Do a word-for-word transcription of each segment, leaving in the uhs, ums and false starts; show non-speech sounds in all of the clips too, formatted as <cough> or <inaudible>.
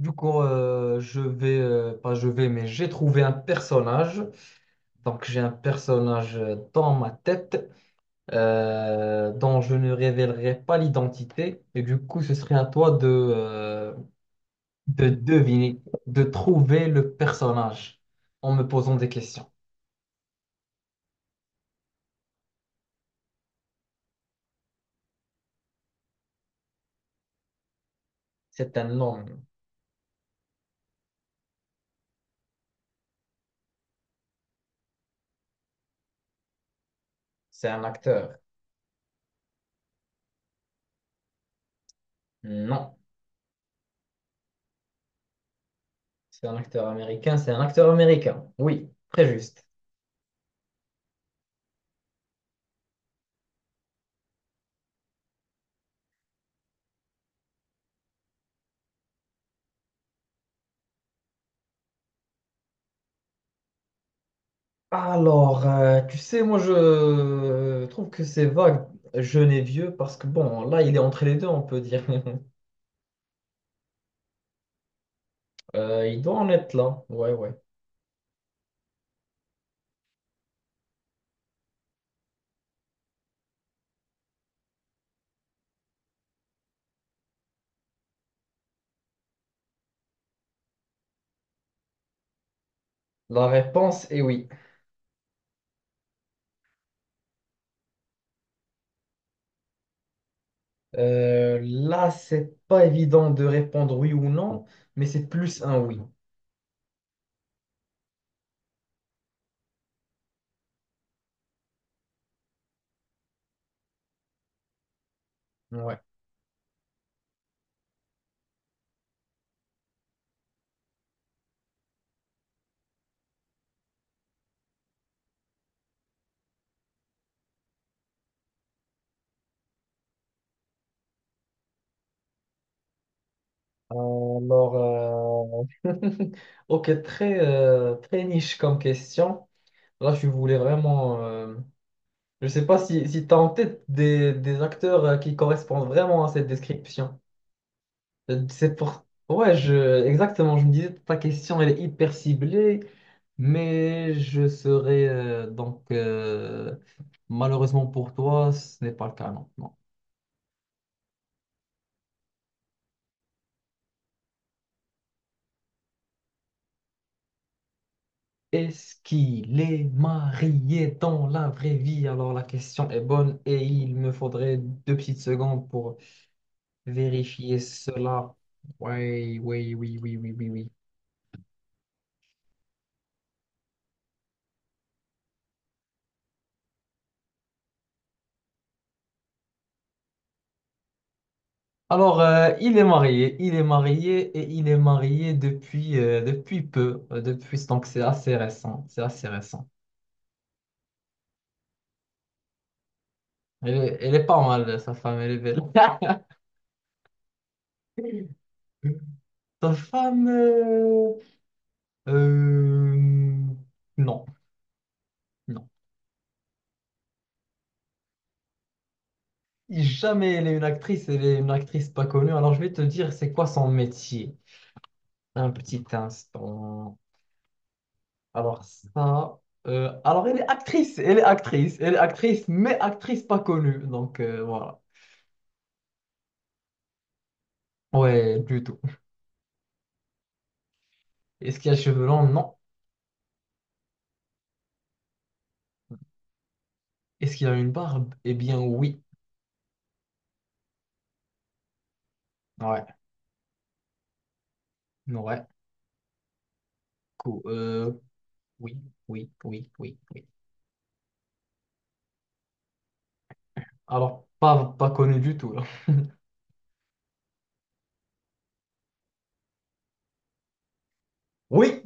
Du coup, euh, je vais, euh, pas je vais, mais j'ai trouvé un personnage. Donc, j'ai un personnage dans ma tête, euh, dont je ne révélerai pas l'identité. Et du coup, ce serait à toi de, euh, de deviner, de trouver le personnage en me posant des questions. C'est un homme. C'est un acteur. Non. C'est un acteur américain. C'est un acteur américain. Oui, très juste. Alors, euh, tu sais, moi je euh, trouve que c'est vague, jeune et vieux, parce que bon, là il est entre les deux, on peut dire. <laughs> Euh, il doit en être là, ouais, ouais. La réponse est oui. Euh, là, c'est pas évident de répondre oui ou non, mais c'est plus un oui. Ouais. Alors, euh, <laughs> ok, très, euh, très niche comme question. Là, je voulais vraiment. Euh, Je sais pas si, si tu as en tête des, des acteurs euh, qui correspondent vraiment à cette description. Euh, C'est pour... Ouais, je... Exactement. Je me disais, ta question, elle est hyper ciblée, mais je serais euh, donc, euh, malheureusement pour toi, ce n'est pas le cas, non. Non. Est-ce qu'il est marié dans la vraie vie? Alors la question est bonne et il me faudrait deux petites secondes pour vérifier cela. Oui, oui, oui, oui, oui, oui, oui. Alors, euh, il est marié, il est marié et il est marié depuis, euh, depuis peu, euh, depuis, donc c'est assez récent, c'est assez récent. Elle, est elle est pas mal, sa femme, elle est belle. <laughs> Sa femme, euh, euh, non, non. Jamais elle est une actrice, elle est une actrice pas connue. Alors, je vais te dire, c'est quoi son métier? Un petit instant. Alors, ça, euh, alors elle est actrice, elle est actrice, elle est actrice, mais actrice pas connue, donc euh, voilà. Ouais, plutôt. Est-ce qu'il a les cheveux longs? Non. Est-ce qu'il a une barbe? Eh bien, oui. Ouais, ouais. Cool. Euh, oui, oui, oui, oui, oui. Alors, pas, pas connu du tout, là. Oui!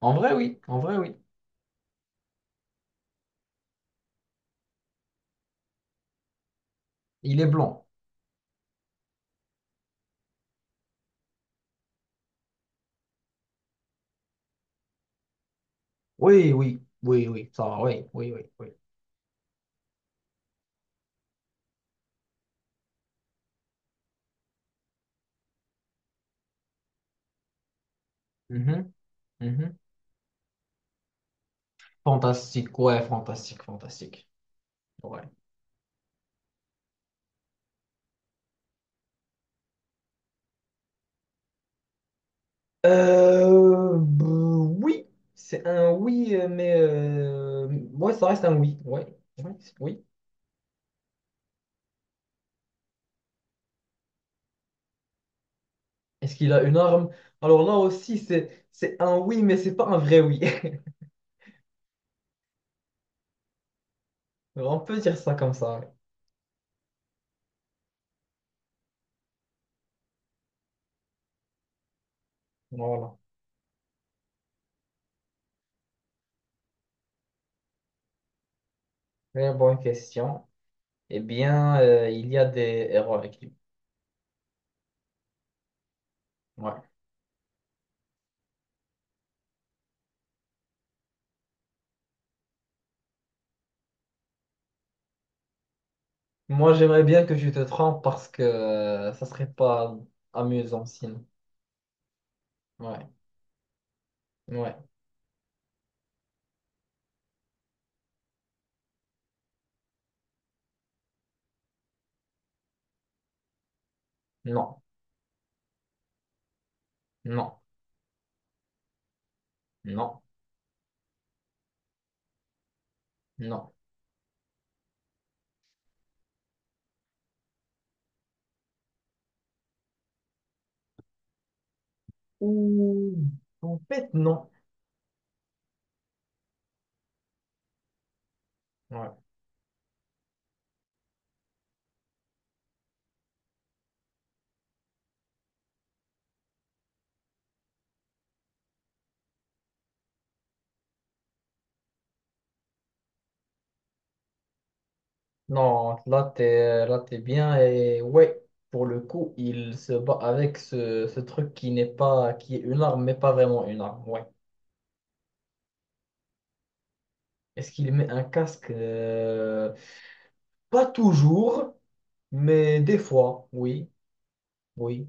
En vrai, oui. En vrai, oui. Il est blanc. Oui, oui, oui, oui. Ça va, oui, oui, oui, oui. Mhm, mhm. Fantastique, ouais, fantastique, fantastique. Ouais. Euh, bah, oui. C'est un oui, euh, mais... euh, ouais, ça reste un oui. Ouais, ouais, c'est- oui. Est-ce qu'il a une arme? Alors là aussi, c'est, c'est un oui, mais c'est pas un vrai oui. <laughs> On peut dire ça comme ça. Ouais. Voilà. Très bonne question. Eh bien, euh, il y a des erreurs écrites. Ouais. Moi, j'aimerais bien que tu te trompes parce que euh, ça serait pas amusant sinon. Ouais. Ouais. Non. Non. Non. Non. Ouh. En fait, non. Ouais. Non, là, t'es, là, t'es bien. Et ouais, pour le coup, il se bat avec ce, ce truc qui n'est pas, qui est une arme, mais pas vraiment une arme. Ouais. Est-ce qu'il met un casque? Euh, Pas toujours, mais des fois, oui, oui.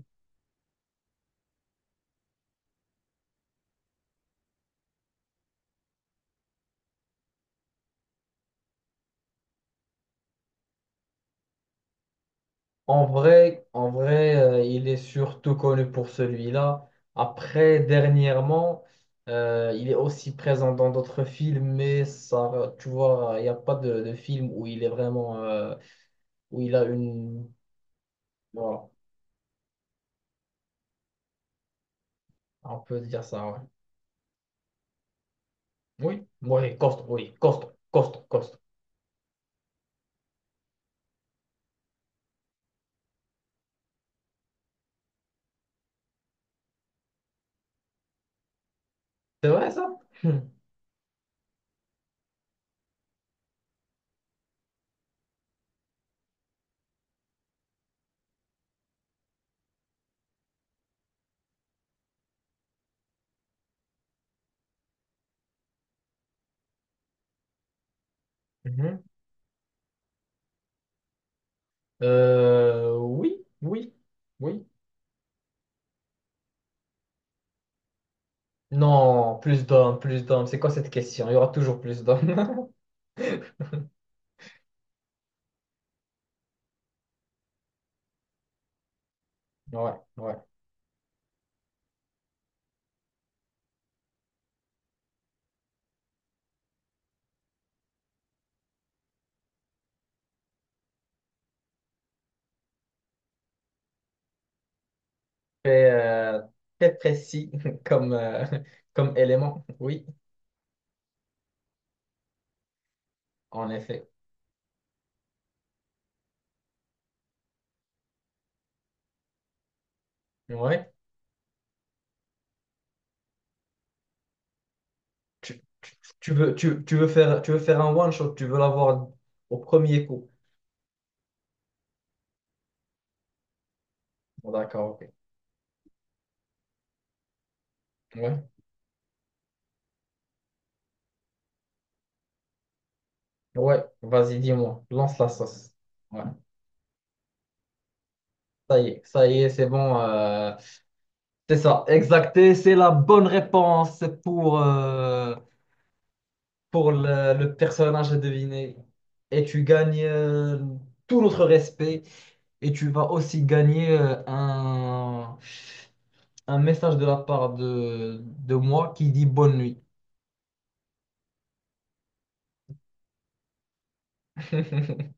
En vrai, en vrai, euh, il est surtout connu pour celui-là. Après, dernièrement, euh, il est aussi présent dans d'autres films, mais ça, tu vois, il n'y a pas de, de film où il est vraiment. euh, où il a une voilà, on peut se dire ça, ouais. Oui, oui, costaud, oui, costaud, costaud, costaud. C'est vrai, ça? Hmm. Mhm. Euh, oui, oui, oui. Non, plus d'hommes, plus d'hommes. C'est quoi cette question? Il y aura toujours plus d'hommes. <laughs> Ouais, ouais. Très, euh, très précis <laughs> comme, euh, comme élément. Oui, en effet. Ouais. Tu, tu, tu veux, tu, tu veux faire, tu veux faire un one shot, tu veux l'avoir au premier coup. Bon, d'accord, ok. Ouais. Ouais, vas-y, dis-moi, lance la sauce. Ouais. Ça y est, ça y est, c'est bon. euh, c'est ça, exacté, c'est la bonne réponse pour, euh, pour le, le personnage à deviner. Et tu gagnes euh, tout notre respect et tu vas aussi gagner euh, un, un message de la part de, de moi qui dit bonne nuit. <laughs>